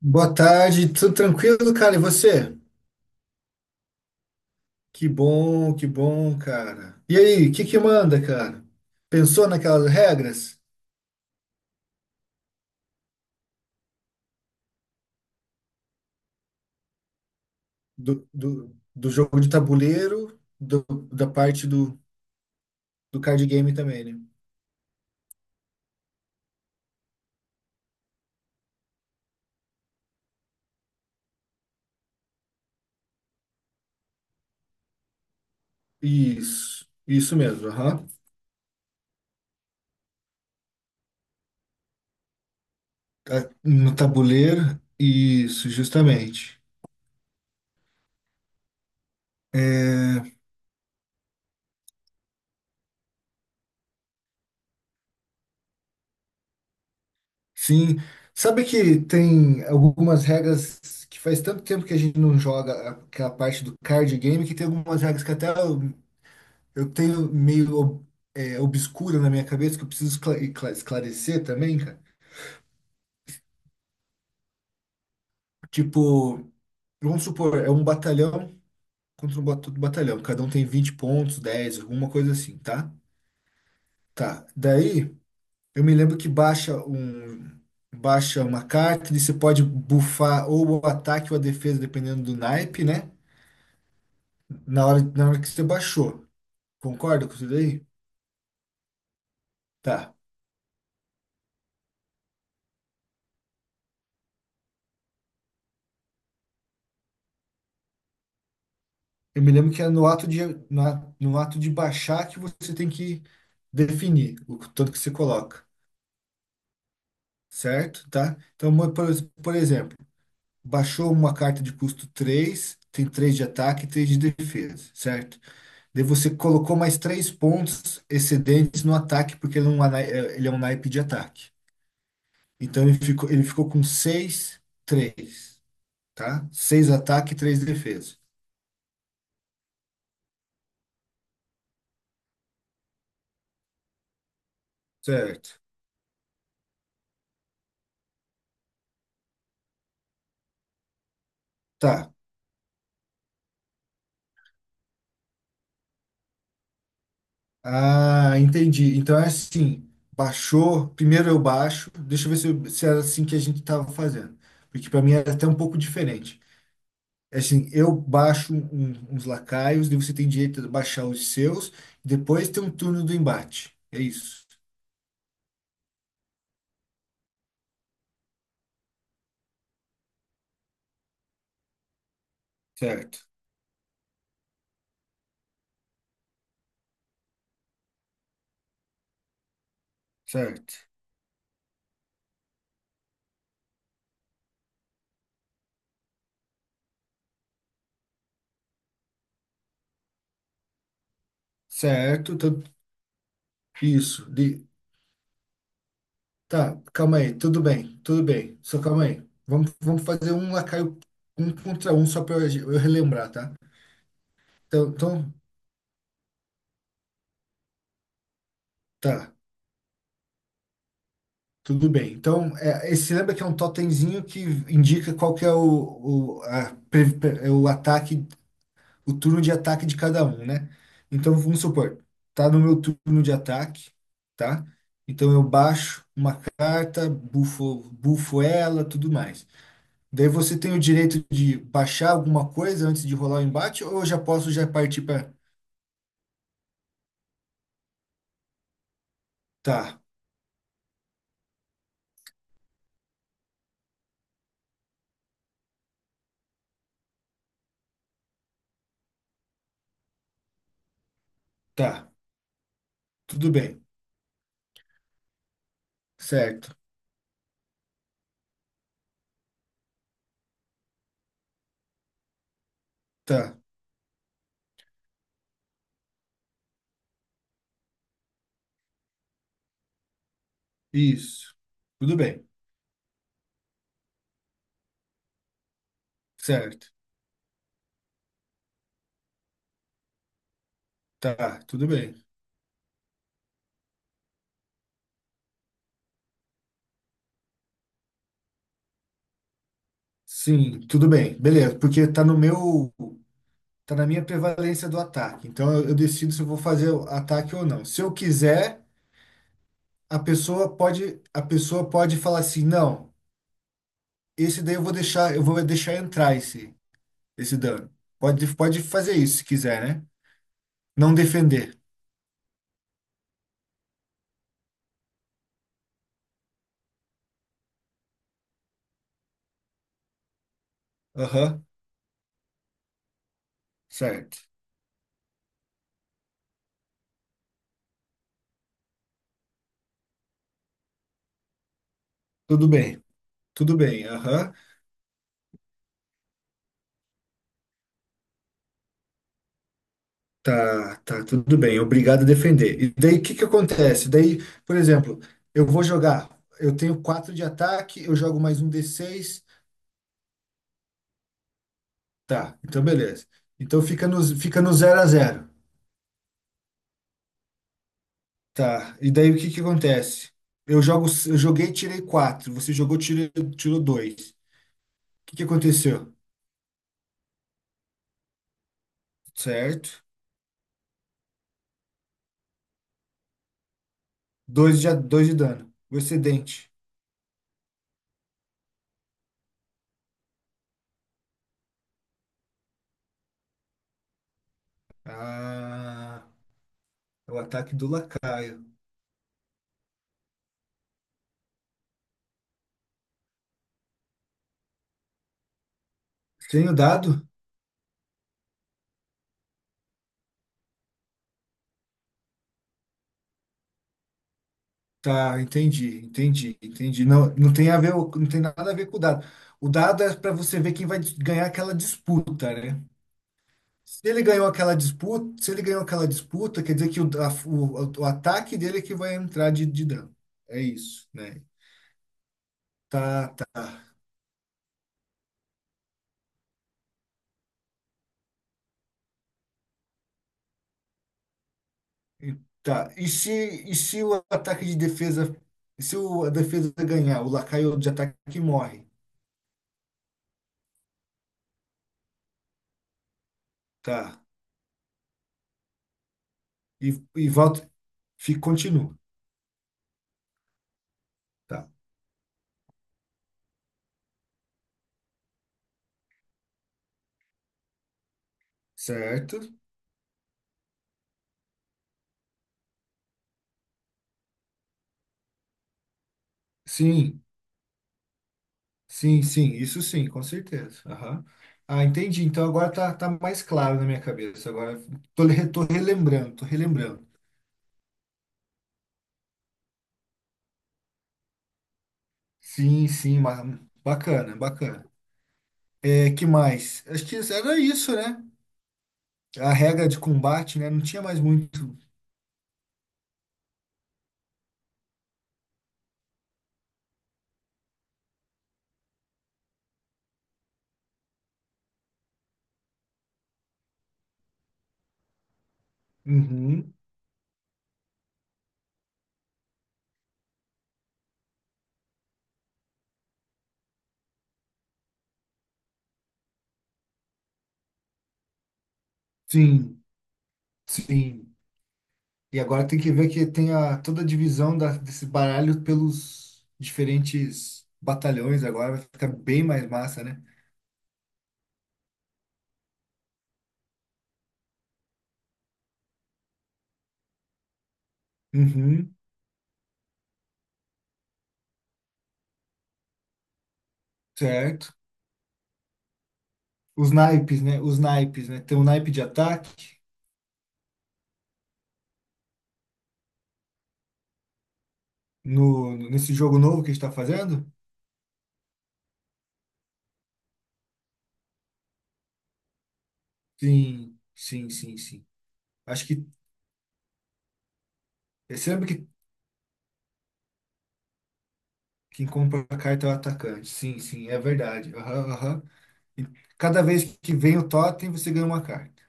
Boa tarde, tudo tranquilo, cara? E você? Que bom, cara. E aí, o que que manda, cara? Pensou naquelas regras do jogo de tabuleiro, da parte do card game também, né? Isso mesmo, aham. Tá. No tabuleiro, isso, justamente. É, sim, sabe que tem algumas regras que faz tanto tempo que a gente não joga aquela parte do card game que tem algumas regras que até eu tenho meio obscura na minha cabeça que eu preciso esclarecer também, cara. Tipo, vamos supor, é um batalhão contra outro batalhão. Cada um tem 20 pontos, 10, alguma coisa assim, tá? Tá. Daí, eu me lembro que baixa uma carta e você pode bufar ou o ataque ou a defesa, dependendo do naipe, né? Na hora que você baixou. Concorda com isso daí? Tá. Eu me lembro que é no ato de baixar que você tem que definir o tanto que você coloca, certo? Tá? Então, por exemplo, baixou uma carta de custo 3, tem 3 de ataque e 3 de defesa, certo? Daí você colocou mais 3 pontos excedentes no ataque, porque ele é um naipe de ataque. Então, ele ficou com 6, 3, tá? 6 ataque e 3 defesa, certo? Tá. Ah, entendi. Então é assim, baixou, primeiro eu baixo, deixa eu ver se era assim que a gente estava fazendo, porque para mim era até um pouco diferente. É assim, eu baixo uns lacaios, daí você tem direito a baixar os seus, depois tem um turno do embate. É isso. Certo, certo, certo. Então, isso. Tá, calma aí, tudo bem, tudo bem. Só calma aí. Vamos fazer um lacaio um contra um só para eu relembrar, tá? Então, tá. Tudo bem. Então, esse lembra que é um totemzinho que indica qual que é o, a pre- pre- é o ataque, o turno de ataque de cada um, né? Então, vamos supor, tá no meu turno de ataque, tá? Então eu baixo uma carta, bufo ela, tudo mais. Daí você tem o direito de baixar alguma coisa antes de rolar o embate, ou eu já posso já partir para. Tá, tá, tudo bem, certo, tá, isso, tudo bem, certo, tá, tudo bem. Sim, tudo bem. Beleza, porque tá no meu, tá na minha prevalência do ataque. Então eu decido se eu vou fazer o ataque ou não. Se eu quiser, a pessoa pode falar assim: "Não, esse daí eu vou deixar, entrar esse dano". Pode fazer isso se quiser, né? Não defender. Aham. Certo. Tudo bem. Tudo bem. Aham. Tá, tá, tudo bem. Obrigado a defender. E daí, o que que acontece? Daí, por exemplo, eu vou jogar. Eu tenho 4 de ataque, eu jogo mais um d seis. Tá, então beleza. Então fica no zero a zero. Tá, e daí o que que acontece? Eu joguei, tirei quatro. Você jogou, tirou dois. O que que aconteceu? Certo? Dois de dano. O excedente. Ah, é o ataque do lacaio. Sem o dado? Tá, entendi, entendi, entendi. Não, não tem a ver, não tem nada a ver com o dado. O dado é para você ver quem vai ganhar aquela disputa, né? Se ele ganhou aquela disputa, se ele ganhou aquela disputa, quer dizer que o ataque dele é que vai entrar de dano. É isso, né? Tá, tá. E, tá. E se o ataque de defesa, e se o, a defesa ganhar, o lacaio de ataque morre, tá? E volta, fica, continua, tá? Certo? Sim. Sim, sim, isso sim, com certeza. Aham. Ah, entendi. Então agora tá mais claro na minha cabeça. Agora tô relembrando. Sim, sim, bacana, bacana. É, que mais? Acho que era isso, né? A regra de combate, né? Não tinha mais muito. Uhum. Sim, sim. E agora tem que ver que tem toda a divisão desse baralho pelos diferentes batalhões agora. Vai ficar bem mais massa, né? Uhum, certo. Os naipes, né? Os naipes, né? Tem um naipe de ataque nesse jogo novo que a gente tá fazendo? Sim, sim, sim, sim. Acho que é sempre que quem compra a carta é o atacante. Sim, sim, é verdade. Aham, aham. E cada vez que vem o totem, você ganha uma carta.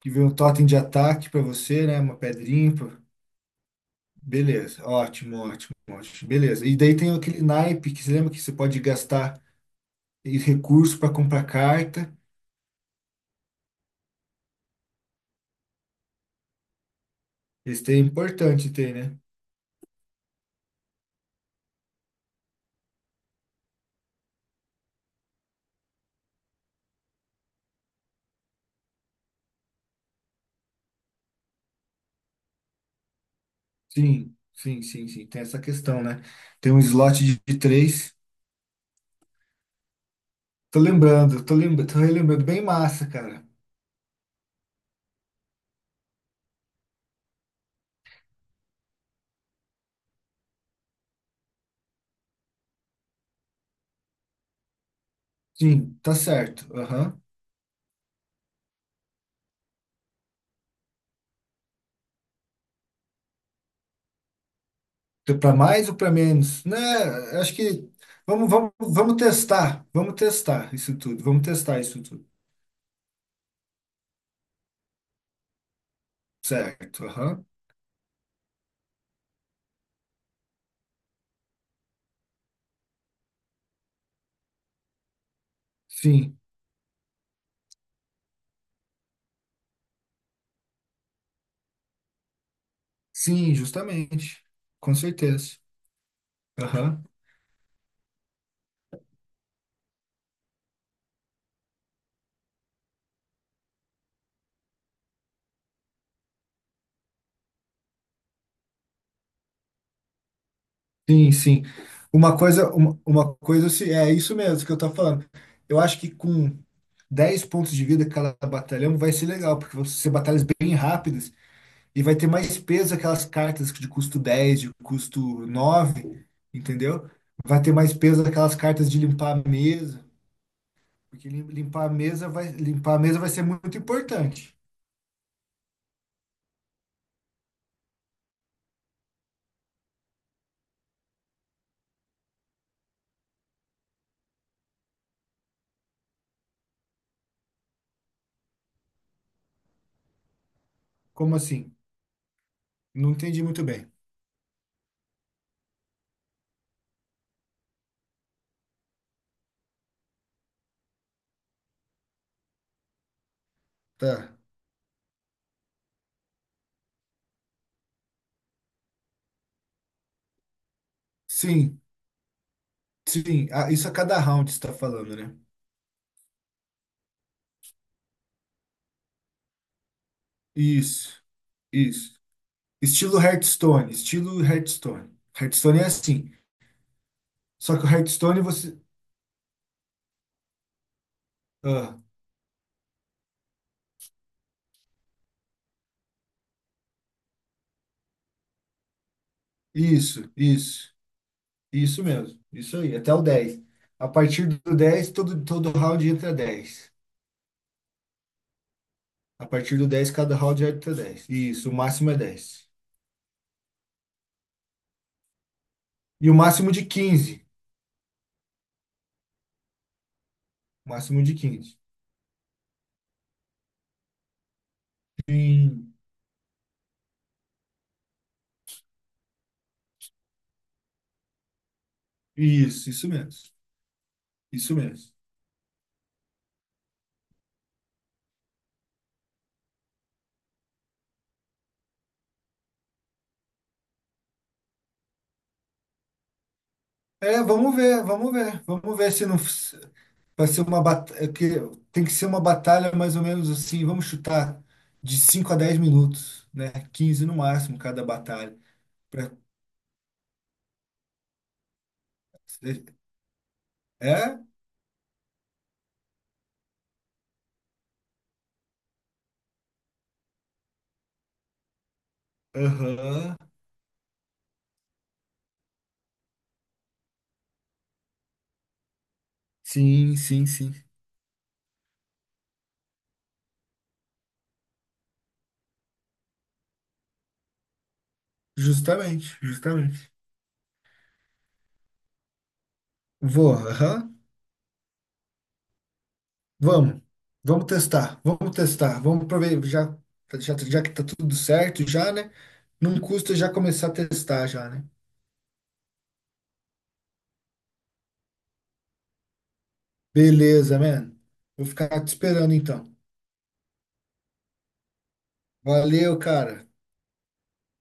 Que vem um totem de ataque pra você, né? Uma pedrinha. Beleza, ótimo, ótimo, ótimo. Beleza. E daí tem aquele naipe que você lembra que você pode gastar e recurso para comprar carta. Esse daí é importante ter, né? Sim, sim, sim, sim. Tem essa questão, né? Tem um slot de três. Tô lembrando, tô relembrando. Bem massa, cara. Sim, tá certo. Aham. Então, para mais ou para menos? Né? Acho que vamos testar. Vamos testar isso tudo. Vamos testar isso tudo. Certo. Aham. Sim. Sim, justamente. Com certeza. Aham. Sim, sim. Uma coisa, é isso mesmo que eu tô falando. Eu acho que com 10 pontos de vida cada batalhão vai ser legal, porque vão ser batalhas bem rápidas e vai ter mais peso aquelas cartas de custo 10 de custo nove, entendeu? Vai ter mais peso aquelas cartas de limpar a mesa, porque limpar a mesa vai ser muito importante. Como assim? Não entendi muito bem. Tá. Sim, sim. Ah, isso a cada round você está falando, né? Isso, isso. Estilo Hearthstone, estilo Hearthstone. Hearthstone é assim. Só que o Hearthstone você. Ah, isso, isso, isso mesmo. Isso aí, até o 10. A partir do 10 todo round entra 10. A partir do 10 cada round entra 10. Isso, o máximo é 10. E o máximo de 15. Máximo de 15. Sim. Isso mesmo. Isso mesmo. É, vamos ver, vamos ver. Vamos ver se não. Vai ser uma batalha que tem que ser uma batalha mais ou menos assim, vamos chutar de 5 a 10 minutos, né? 15 no máximo cada batalha. Pra- É? Aham. Sim, sim, sim. Justamente, justamente. Vou, aham. Vamos. Vamos testar. Vamos testar. Vamos prover já já que tá tudo certo já, né? Não custa já começar a testar já, né? Beleza, man. Vou ficar te esperando então. Valeu, cara.